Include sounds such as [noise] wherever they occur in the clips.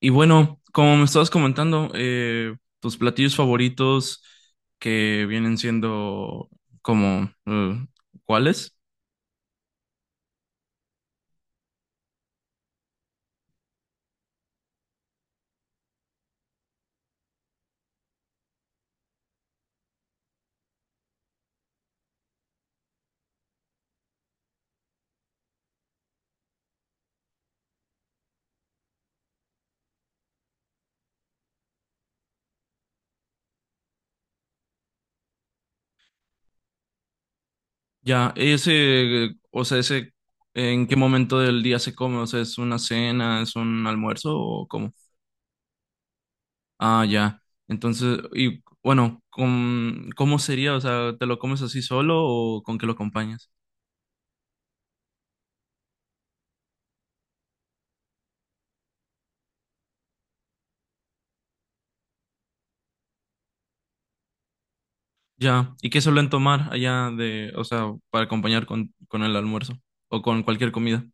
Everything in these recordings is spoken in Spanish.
Y bueno, como me estabas comentando, tus platillos favoritos que vienen siendo como, ¿cuáles? Ya, ese, ¿en qué momento del día se come? O sea, ¿es una cena, es un almuerzo o cómo? Ah, ya. Entonces, y bueno, ¿cómo sería? O sea, ¿te lo comes así solo o con qué lo acompañas? Ya. ¿Y qué suelen tomar allá para acompañar con el almuerzo o con cualquier comida?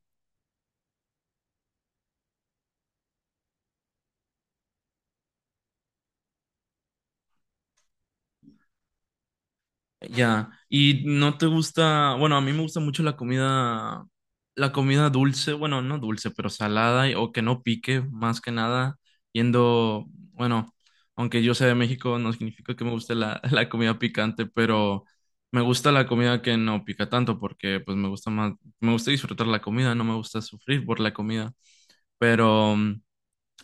Ya, y no te gusta, bueno, a mí me gusta mucho la comida dulce, bueno, no dulce, pero salada y- o que no pique, más que nada, yendo, bueno, aunque yo sea de México, no significa que me guste la, [laughs] la comida picante, pero me gusta la comida que no pica tanto, porque pues me gusta más, me gusta disfrutar la comida, no me gusta sufrir por la comida, pero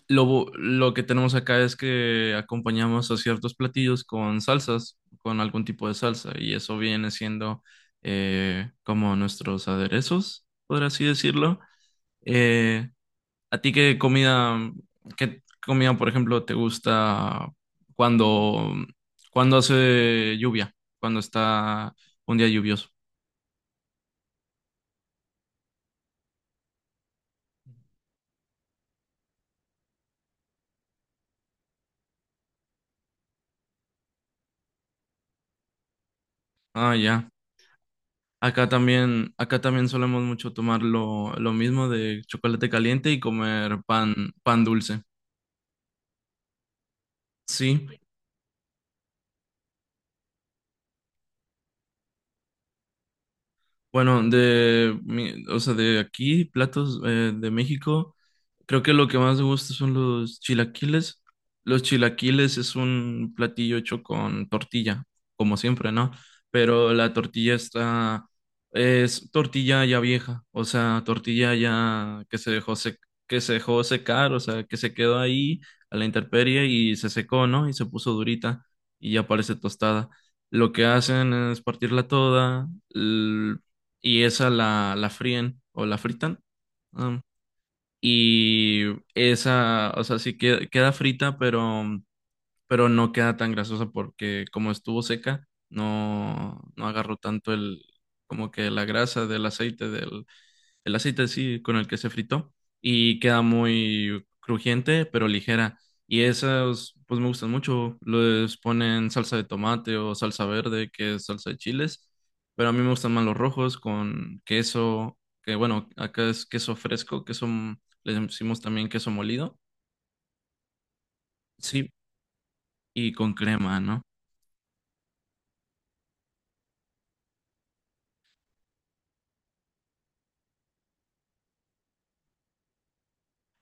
lo, lo que tenemos acá es que acompañamos a ciertos platillos con salsas, con algún tipo de salsa, y eso viene siendo como nuestros aderezos, por así decirlo. Eh, ¿A ti qué comida, por ejemplo, te gusta cuando, cuando hace lluvia, cuando está un día lluvioso? Ah, ya. Acá también solemos mucho tomar lo mismo de chocolate caliente y comer pan, pan dulce. Sí, bueno, de, mi- o sea, de aquí, platos de México, creo que lo que más me gusta son los chilaquiles. Los chilaquiles es un platillo hecho con tortilla, como siempre, ¿no? Pero la tortilla está, es tortilla ya vieja, o sea, tortilla ya que se dejó secar, o sea, que se quedó ahí a la intemperie y se secó, ¿no? Y se puso durita y ya parece tostada. Lo que hacen es partirla toda y esa la fríen o la fritan. am, y esa, o sea, queda frita, pero no queda tan grasosa porque como estuvo seca, no, no agarró tanto el, como que la grasa el aceite sí, con el que se fritó, y queda muy crujiente, pero ligera. Y esas, pues me gustan mucho. Les ponen salsa de tomate o salsa verde, que es salsa de chiles, pero a mí me gustan más los rojos con queso, que bueno, acá es queso fresco, queso, le decimos también queso molido, sí, y con crema, ¿no?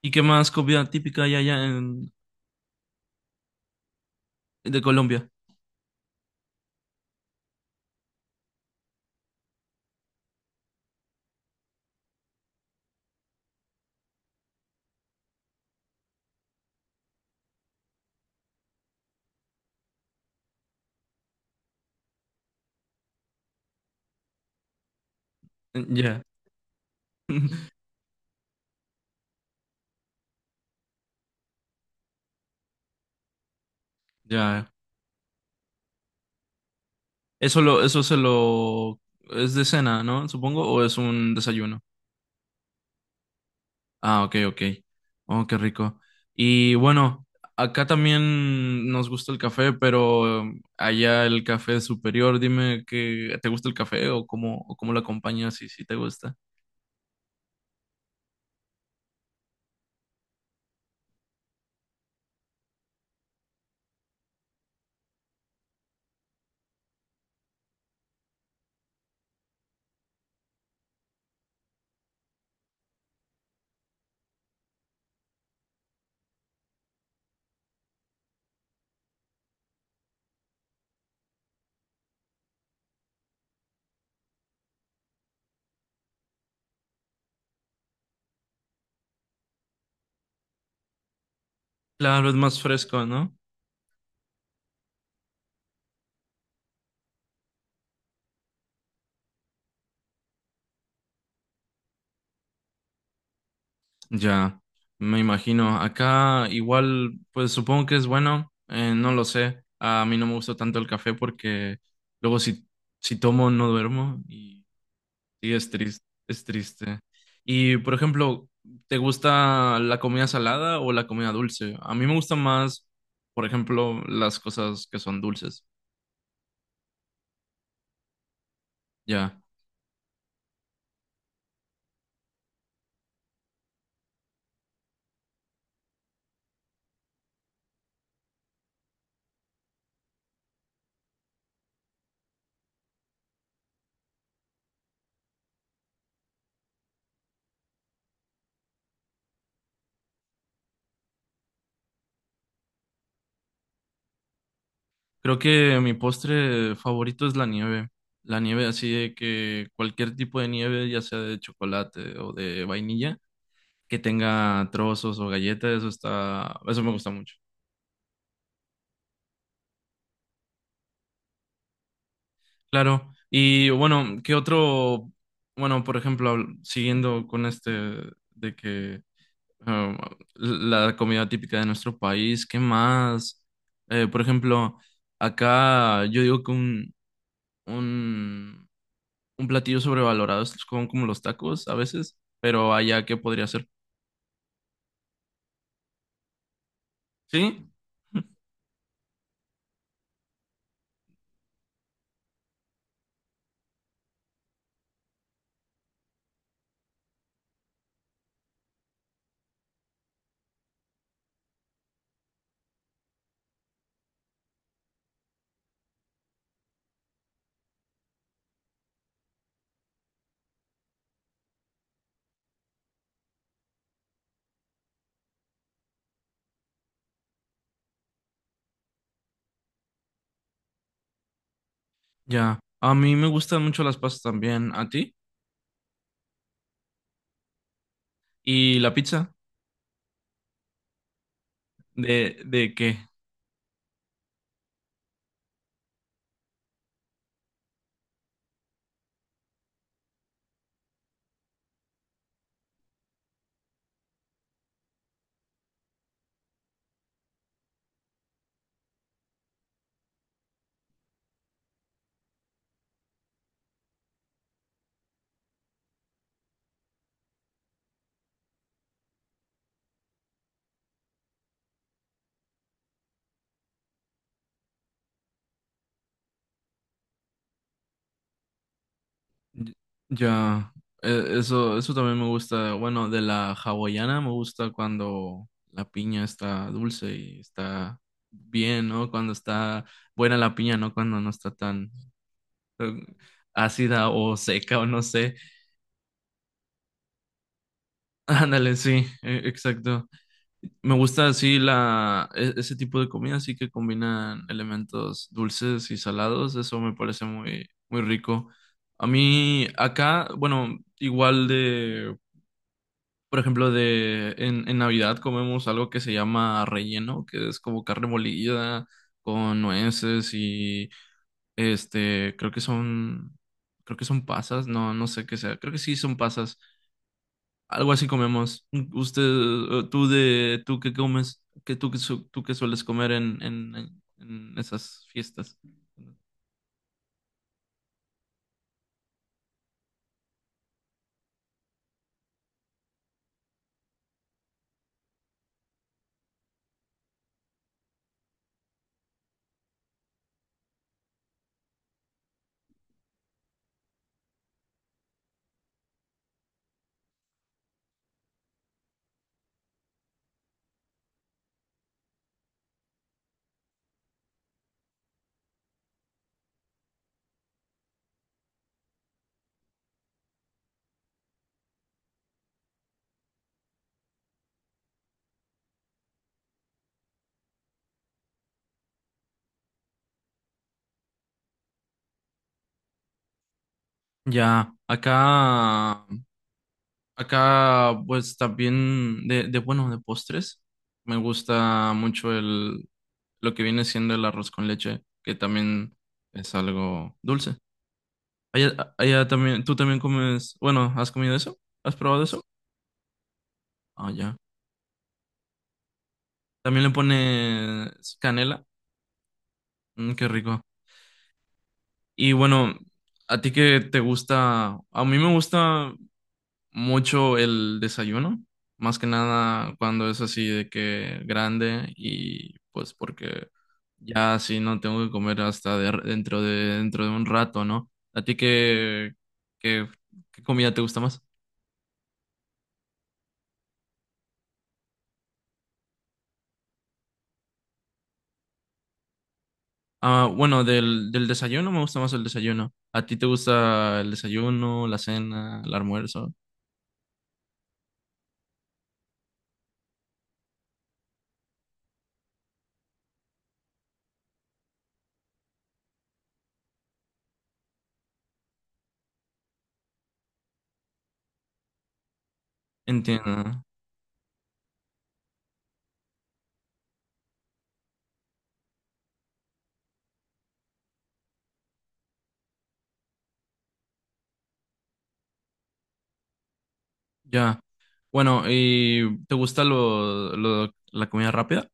¿Y qué más comida típica hay allá en, de Colombia? Ya, [laughs] ya. Eso lo, eso se lo, Es de cena, ¿no? Supongo, o es un desayuno. Ah, ok, ok. Oh, qué rico. Y bueno, acá también nos gusta el café, pero allá el café es superior. Dime que, ¿te gusta el café o cómo lo acompañas y si te gusta? Claro, es más fresco, ¿no? Ya, me imagino. Acá igual, pues supongo que es bueno, no lo sé. A mí no me gusta tanto el café porque luego si, si tomo no duermo y sí es triste, es triste. Y por ejemplo, ¿te gusta la comida salada o la comida dulce? A mí me gusta más, por ejemplo, las cosas que son dulces. Ya, creo que mi postre favorito es la nieve. La nieve así de que cualquier tipo de nieve, ya sea de chocolate o de vainilla, que tenga trozos o galletas, eso está, eso me gusta mucho. Claro, y bueno, ¿qué otro? Bueno, por ejemplo, siguiendo con este de que um, la comida típica de nuestro país, ¿qué más? Por ejemplo, acá yo digo que un, un platillo sobrevalorado es como, como los tacos a veces, pero allá, ¿qué podría ser? Sí, ya. A mí me gustan mucho las pastas también, ¿a ti? ¿Y la pizza? De qué? Y- ya, eso, eso también me gusta. Bueno, de la hawaiana me gusta cuando la piña está dulce y está bien, ¿no? Cuando está buena la piña, ¿no? Cuando no está tan eh, ácida o seca o no sé. [laughs] Ándale, sí, exacto. Me gusta así ese tipo de comida, así que combinan elementos dulces y salados. Eso me parece muy, muy rico. A mí acá, bueno, igual de por ejemplo, en Navidad comemos algo que se llama relleno, que es como carne molida con nueces y este, creo que son pasas, no, no sé qué sea, creo que sí son pasas, algo así comemos. Usted, tú qué comes, que tú, qué su- tú qué sueles comer en esas fiestas. Ya, acá, pues también de bueno, de postres. Me gusta mucho el lo que viene siendo el arroz con leche, que también es algo dulce. Allá, allá también, tú también comes, bueno, ¿has comido eso? ¿Has probado eso? Ah, ya. También le pones canela. Mm, qué rico. Y bueno, a ti que te gusta, a mí me gusta mucho el desayuno, más que nada cuando es así de que grande y pues porque ya así no tengo que comer hasta dentro de un rato, ¿no? ¿A ti qué, qué comida te gusta más? Ah, bueno, del desayuno me gusta más el desayuno. ¿A ti te gusta el desayuno, la cena, el almuerzo? Entiendo. Ya. Bueno, ¿y te gusta la comida rápida?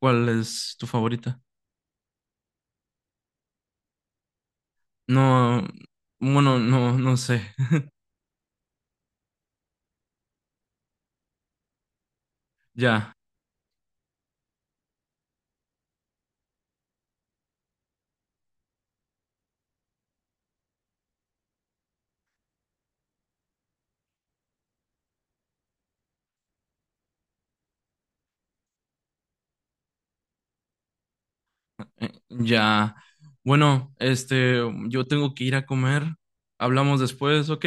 ¿Cuál es tu favorita? No, bueno, no, no sé. [laughs] Ya, ya. Bueno, este, yo tengo que ir a comer. Hablamos después, ¿ok?